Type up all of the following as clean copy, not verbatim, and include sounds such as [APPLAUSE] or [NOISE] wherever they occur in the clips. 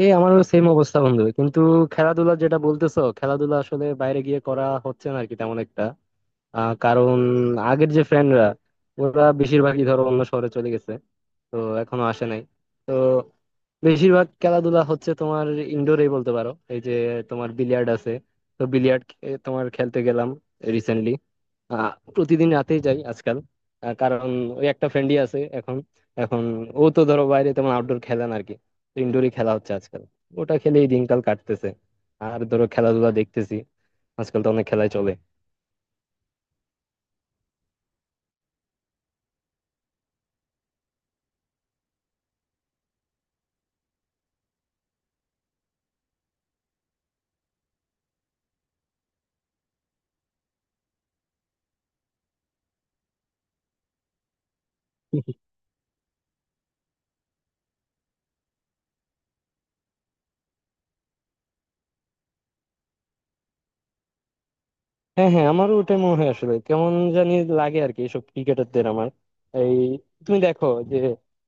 এই আমারও সেম অবস্থা বন্ধু। কিন্তু খেলাধুলা যেটা বলতেছো, খেলাধুলা আসলে বাইরে গিয়ে করা হচ্ছে না আর কি, তেমন একটা। কারণ আগের যে ফ্রেন্ডরা, ওরা বেশিরভাগই ধরো অন্য শহরে চলে গেছে। তো এখনো আসে নাই। তো বেশিরভাগ খেলাধুলা হচ্ছে তোমার ইনডোরেই বলতে পারো। এই যে তোমার বিলিয়ার্ড আছে, তো বিলিয়ার্ড তোমার খেলতে গেলাম রিসেন্টলি। প্রতিদিন রাতেই যাই আজকাল। কারণ ওই একটা ফ্রেন্ডই আছে এখন। এখন ও তো ধরো বাইরে তেমন আউটডোর খেলে না আরকি, ইনডোরই খেলা হচ্ছে আজকাল। ওটা খেলেই দিনকাল কাটতেছে। আর ধরো খেলাধুলা দেখতেছি, আজকাল তো অনেক খেলাই চলে। হ্যাঁ হ্যাঁ, আমারও ওটাই মনে হয়। আসলে কেমন জানি লাগে আর কি এসব ক্রিকেটারদের আমার। এই, তুমি দেখো যে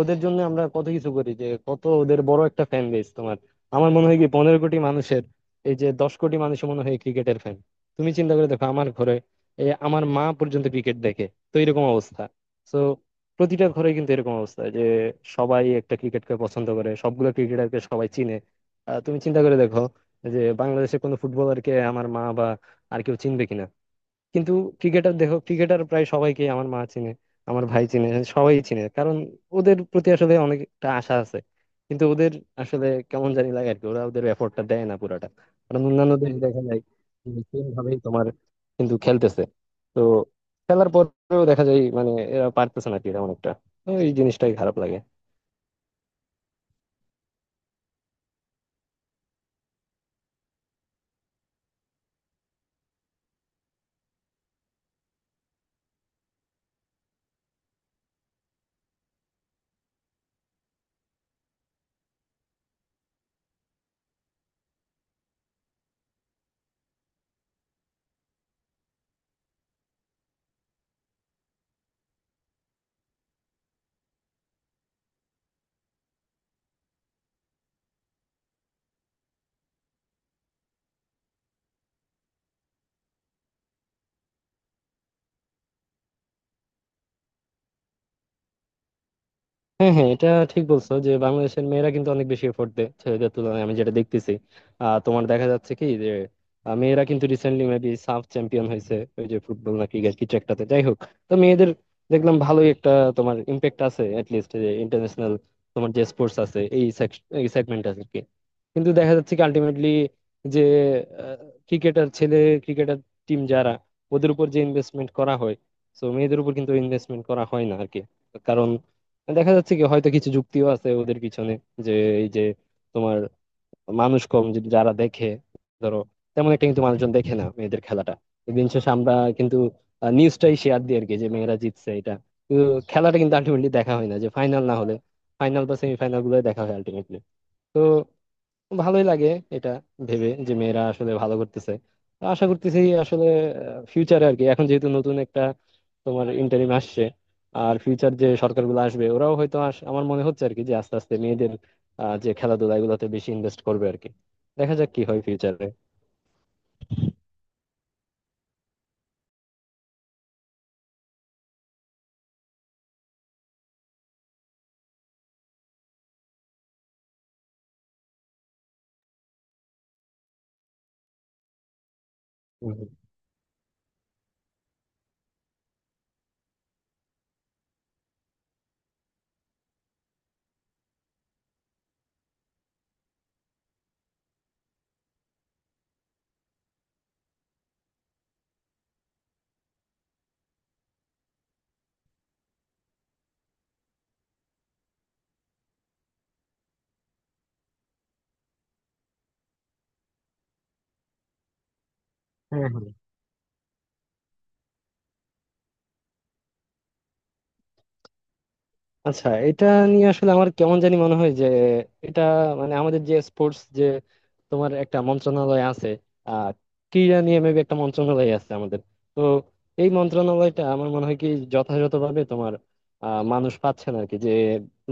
ওদের জন্য আমরা কত কিছু করি, যে কত ওদের বড় একটা ফ্যান বেস তোমার। আমার মনে হয় কি 15 কোটি মানুষের, এই যে 10 কোটি মানুষের মনে হয় ক্রিকেটের ফ্যান। তুমি চিন্তা করে দেখো আমার ঘরে, এই আমার মা পর্যন্ত ক্রিকেট দেখে। তো এরকম অবস্থা। তো প্রতিটা ঘরে কিন্তু এরকম অবস্থা, যে সবাই একটা ক্রিকেটকে পছন্দ করে, সবগুলো ক্রিকেটারকে সবাই চিনে। তুমি চিন্তা করে দেখো যে বাংলাদেশের কোনো ফুটবলারকে আমার মা আর কেউ চিনবে কিনা। কিন্তু ক্রিকেটার দেখো, ক্রিকেটার প্রায় সবাইকে আমার মা চিনে, আমার ভাই চিনে, সবাই চিনে। কারণ ওদের প্রতি আসলে অনেকটা আশা আছে। কিন্তু ওদের আসলে কেমন জানি লাগে আর কি, ওরা ওদের এফোর্টটা দেয় না পুরোটা। কারণ অন্যান্য দেশ দেখা যায় সেম ভাবেই তোমার কিন্তু খেলতেছে। তো খেলার পরেও দেখা যায় মানে এরা পারতেছে না, কি এরা অনেকটা। তো এই জিনিসটাই খারাপ লাগে। হ্যাঁ হ্যাঁ, এটা ঠিক বলছো, যে বাংলাদেশের মেয়েরা কিন্তু অনেক বেশি এফোর্ট দেয় ছেলেদের তুলনায়, আমি যেটা দেখতেছি। তোমার দেখা যাচ্ছে কি যে, মেয়েরা কিন্তু রিসেন্টলি মেবি সাফ চ্যাম্পিয়ন হয়েছে, ওই যে ফুটবল না ক্রিকেট কিছু একটাতে, যাই হোক। তো মেয়েদের দেখলাম ভালোই একটা তোমার ইম্প্যাক্ট আছে, লিস্ট যে ইন্টারন্যাশনাল তোমার যে স্পোর্টস আছে এই এই সেগমেন্ট আছে আর কি। কিন্তু দেখা যাচ্ছে কি আলটিমেটলি যে ক্রিকেটার ছেলে ক্রিকেটার টিম যারা, ওদের উপর যে ইনভেস্টমেন্ট করা হয়, তো মেয়েদের উপর কিন্তু ইনভেস্টমেন্ট করা হয় না আর কি। দেখা যাচ্ছে কি হয়তো কিছু যুক্তিও আছে ওদের পিছনে, যে এই যে তোমার মানুষ কম যদি যারা দেখে, ধরো তেমন একটা কিন্তু মানুষজন দেখে না মেয়েদের খেলাটা। দিন শেষে আমরা কিন্তু নিউজটাই শেয়ার দিই আর কি যে মেয়েরা জিতছে এটা। কিন্তু খেলাটা কিন্তু আলটিমেটলি দেখা হয় না, যে ফাইনাল না হলে, ফাইনাল বা সেমিফাইনাল গুলো দেখা হয় আলটিমেটলি। তো ভালোই লাগে এটা ভেবে যে মেয়েরা আসলে ভালো করতেছে। তো আশা করতেছি আসলে ফিউচারে আর কি, এখন যেহেতু নতুন একটা তোমার ইন্টারিম আসছে, আর ফিউচার যে সরকারগুলো আসবে ওরাও হয়তো আমার মনে হচ্ছে আর কি যে আস্তে আস্তে মেয়েদের যে খেলাধুলা এগুলোতে বেশি ইনভেস্ট করবে আর কি। দেখা যাক কি হয় ফিউচারে। হুম, হুম। হ্যাঁ হ্যাঁ। আচ্ছা, এটা নিয়ে আসলে আমার কেমন জানি মনে হয় যে এটা মানে আমাদের যে স্পোর্টস যে তোমার একটা মন্ত্রণালয় আছে, আহ ক্রীড়া নিয়ে মেবি একটা মন্ত্রণালয় আছে আমাদের। তো এই মন্ত্রণালয়টা আমার মনে হয় কি যথাযথভাবে তোমার মানুষ পাচ্ছে না আর কি, যে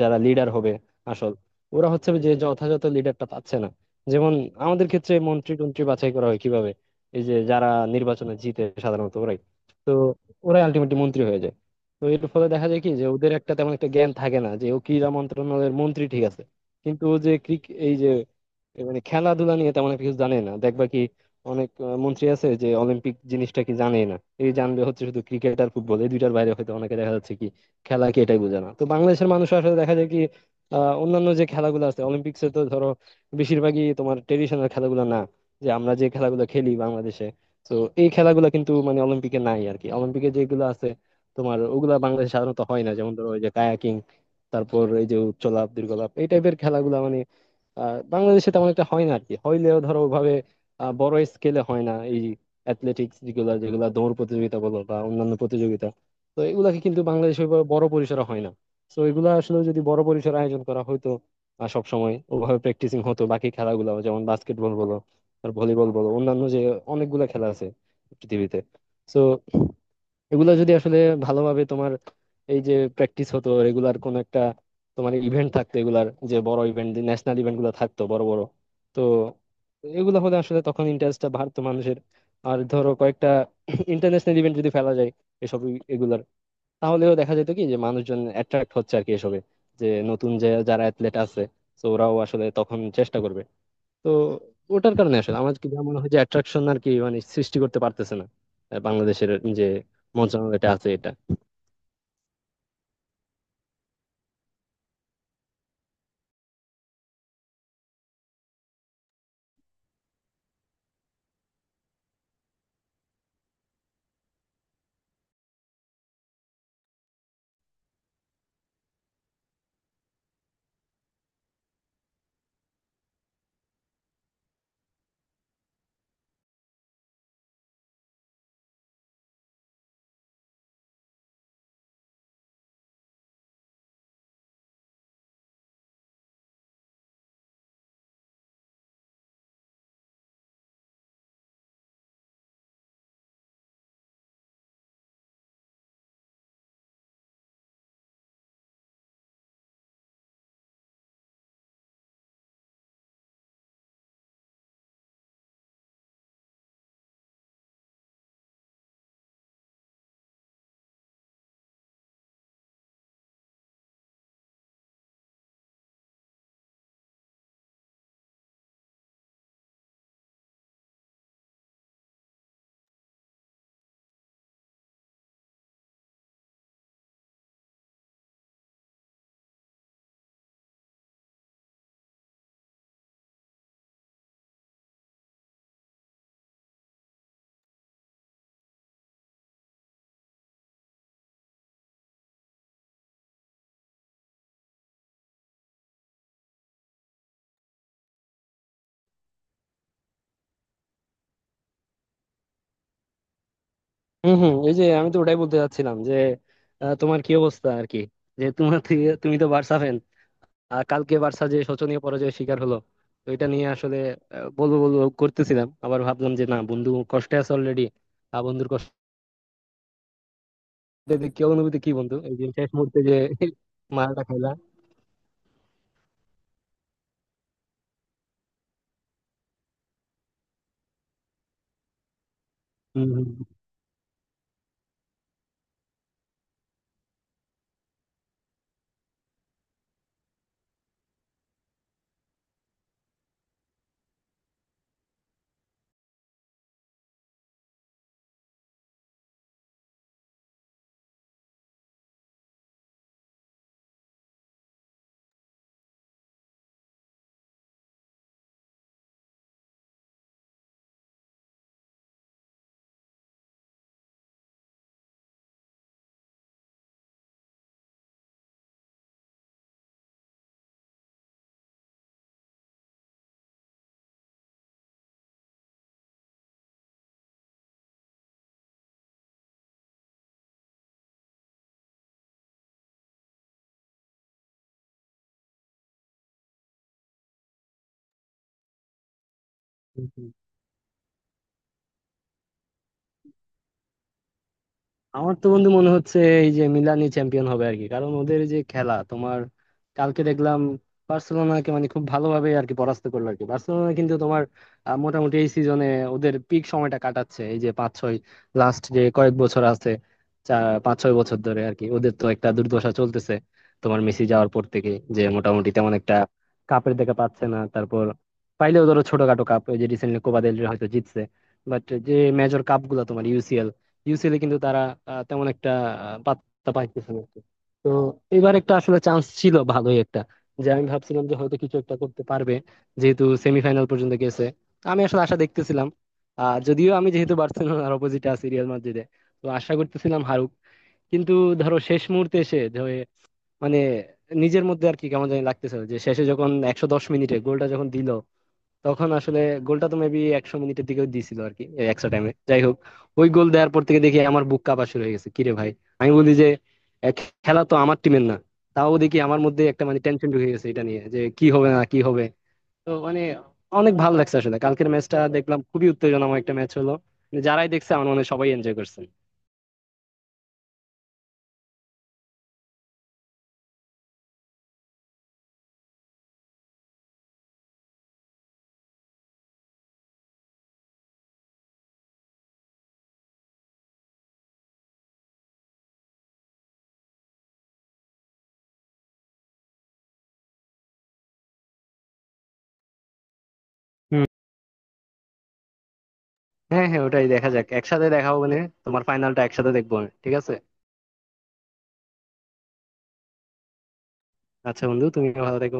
যারা লিডার হবে আসল, ওরা হচ্ছে যে যথাযথ লিডারটা পাচ্ছে না। যেমন আমাদের ক্ষেত্রে মন্ত্রী টন্ত্রী বাছাই করা হয় কিভাবে? এই যে যারা নির্বাচনে জিতে সাধারণত ওরাই, তো ওরাই আলটিমেটলি মন্ত্রী হয়ে যায়। তো এর ফলে দেখা যায় কি যে ওদের একটা তেমন একটা জ্ঞান থাকে না, যে ও ক্রীড়া মন্ত্রণালয়ের মন্ত্রী ঠিক আছে, কিন্তু ও যে এই যে মানে খেলাধুলা নিয়ে তেমন একটা কিছু জানে না। দেখবা কি অনেক মন্ত্রী আছে যে অলিম্পিক জিনিসটা কি জানে না। এই জানবে হচ্ছে শুধু ক্রিকেট আর ফুটবল, এই দুইটার বাইরে হয়তো অনেকে দেখা যাচ্ছে কি খেলা কি এটাই বোঝে না। তো বাংলাদেশের মানুষ আসলে দেখা যায় কি, অন্যান্য যে খেলাগুলো আছে অলিম্পিক্সে, তো ধরো বেশিরভাগই তোমার ট্রেডিশনাল খেলাগুলো না যে আমরা যে খেলাগুলো খেলি বাংলাদেশে। তো এই খেলাগুলো কিন্তু মানে অলিম্পিকে নাই আর কি। অলিম্পিকে যেগুলো আছে তোমার, ওগুলা বাংলাদেশে সাধারণত হয় না, যেমন ধরো ওই যে কায়াকিং, তারপর এই যে উচ্চলাপ দীর্ঘলাপ এই টাইপের খেলাগুলো মানে বাংলাদেশে তেমন একটা হয় না আর কি। হইলেও ধরো ওইভাবে বড় স্কেলে হয় না। এই অ্যাথলেটিক্স যেগুলা যেগুলা দৌড় প্রতিযোগিতা বলো বা অন্যান্য প্রতিযোগিতা, তো এগুলাকে কিন্তু বাংলাদেশে ওইভাবে বড় পরিসরে হয় না। তো এগুলা আসলে যদি বড় পরিসরে আয়োজন করা হয়তো, সব সময় ওভাবে প্র্যাকটিসিং হতো। বাকি খেলাগুলো যেমন বাস্কেটবল বলো, আর ভলিবল বলো, অন্যান্য যে অনেকগুলা খেলা আছে পৃথিবীতে, তো এগুলা যদি আসলে ভালোভাবে তোমার এই যে প্র্যাকটিস হতো রেগুলার, কোন একটা তোমার ইভেন্ট থাকতো এগুলার, যে বড় ইভেন্ট ন্যাশনাল ইভেন্ট গুলো থাকতো বড় বড়, তো এগুলো হলে আসলে তখন ইন্টারেস্টটা বাড়তো মানুষের। আর ধরো কয়েকটা [COUGHS] ইন্টারন্যাশনাল ইভেন্ট যদি ফেলা যায় এগুলার, তাহলেও দেখা যেত কি যে মানুষজন অ্যাট্রাক্ট হচ্ছে আর কি এসবে, যে নতুন যে যারা অ্যাথলেট আছে, তো ওরাও আসলে তখন চেষ্টা করবে। তো ওটার কারণে আসলে আমার কি যা মনে হয় যে অ্যাট্রাকশন আর কি মানে সৃষ্টি করতে পারতেছে না বাংলাদেশের যে মন্ত্রণালয়টা আছে এটা। হম হম। এই যে আমি তো ওটাই বলতে চাচ্ছিলাম যে তোমার কি অবস্থা আর কি, যে তুমি তো বার্সা ফ্যান, আর কালকে বার্সা যে শোচনীয় পরাজয়ের শিকার হলো, তো এটা নিয়ে আসলে বলবো বলবো করতেছিলাম। আবার ভাবলাম যে না, বন্ধু কষ্টে আছে অলরেডি, আর বন্ধুর কষ্টে কি অনুভূতি কি বন্ধু, এই যে শেষ মুহূর্তে যে মারাটা খাইলা? হম হম। আমার তো বন্ধু মনে হচ্ছে এই যে মিলানই চ্যাম্পিয়ন হবে আর কি। কারণ ওদের যে খেলা তোমার কালকে দেখলাম, বার্সেলোনাকে মানে খুব ভালোভাবে আর কি পরাস্ত করলো আর কি। বার্সেলোনা কিন্তু তোমার মোটামুটি এই সিজনে ওদের পিক সময়টা কাটাচ্ছে। এই যে 5-6 লাস্ট যে কয়েক বছর আছে, চা- 5-6 বছর ধরে আর কি ওদের তো একটা দুর্দশা চলতেছে তোমার মেসি যাওয়ার পর থেকে, যে মোটামুটি তেমন একটা কাপের দেখা পাচ্ছে না। তারপর পাইলেও ধরো ছোটখাটো কাপ, ওই যে রিসেন্টলি কোপা দেল রে হয়তো জিতছে। বাট যে মেজর কাপ গুলা তোমার ইউসিএল, ইউসিএলে কিন্তু তারা তেমন একটা পাত্তা পাইতেছে না আর কি। তো এবার একটা আসলে চান্স ছিল ভালোই একটা, যে আমি ভাবছিলাম যে হয়তো কিছু একটা করতে পারবে যেহেতু সেমিফাইনাল পর্যন্ত গেছে। আমি আসলে আশা দেখতেছিলাম, যদিও আমি যেহেতু বার্সেলোনার অপোজিটে আছি রিয়াল মাদ্রিদে, তো আশা করতেছিলাম হারুক। কিন্তু ধরো শেষ মুহূর্তে এসে ধরে মানে নিজের মধ্যে আর কি কেমন জানি লাগতেছিল, যে শেষে যখন 110 মিনিটে গোলটা যখন দিল তখন আসলে, গোলটা তো মেবি 100 মিনিটের দিকেও দিছিল আর কি এক্সট্রা টাইমে। যাই হোক, ওই গোল দেওয়ার পর থেকে দেখি আমার বুক কাঁপা শুরু হয়ে গেছে। কিরে ভাই, আমি বলি যে এ, খেলা তো আমার টিমের না, তাও দেখি আমার মধ্যে একটা মানে টেনশন ঢুকে গেছে এটা নিয়ে যে কি হবে না কি হবে। তো মানে অনেক ভালো লাগছে আসলে, কালকের ম্যাচটা দেখলাম খুবই উত্তেজনাময় একটা ম্যাচ হলো। মানে যারাই দেখছে আমার মনে হয় সবাই এনজয় করছে। হুম। হ্যাঁ হ্যাঁ, ওটাই। দেখা যাক, একসাথে দেখা হবে না? তোমার ফাইনালটা একসাথে দেখবো আমি, ঠিক আছে? আচ্ছা বন্ধু, তুমিও ভালো থেকো।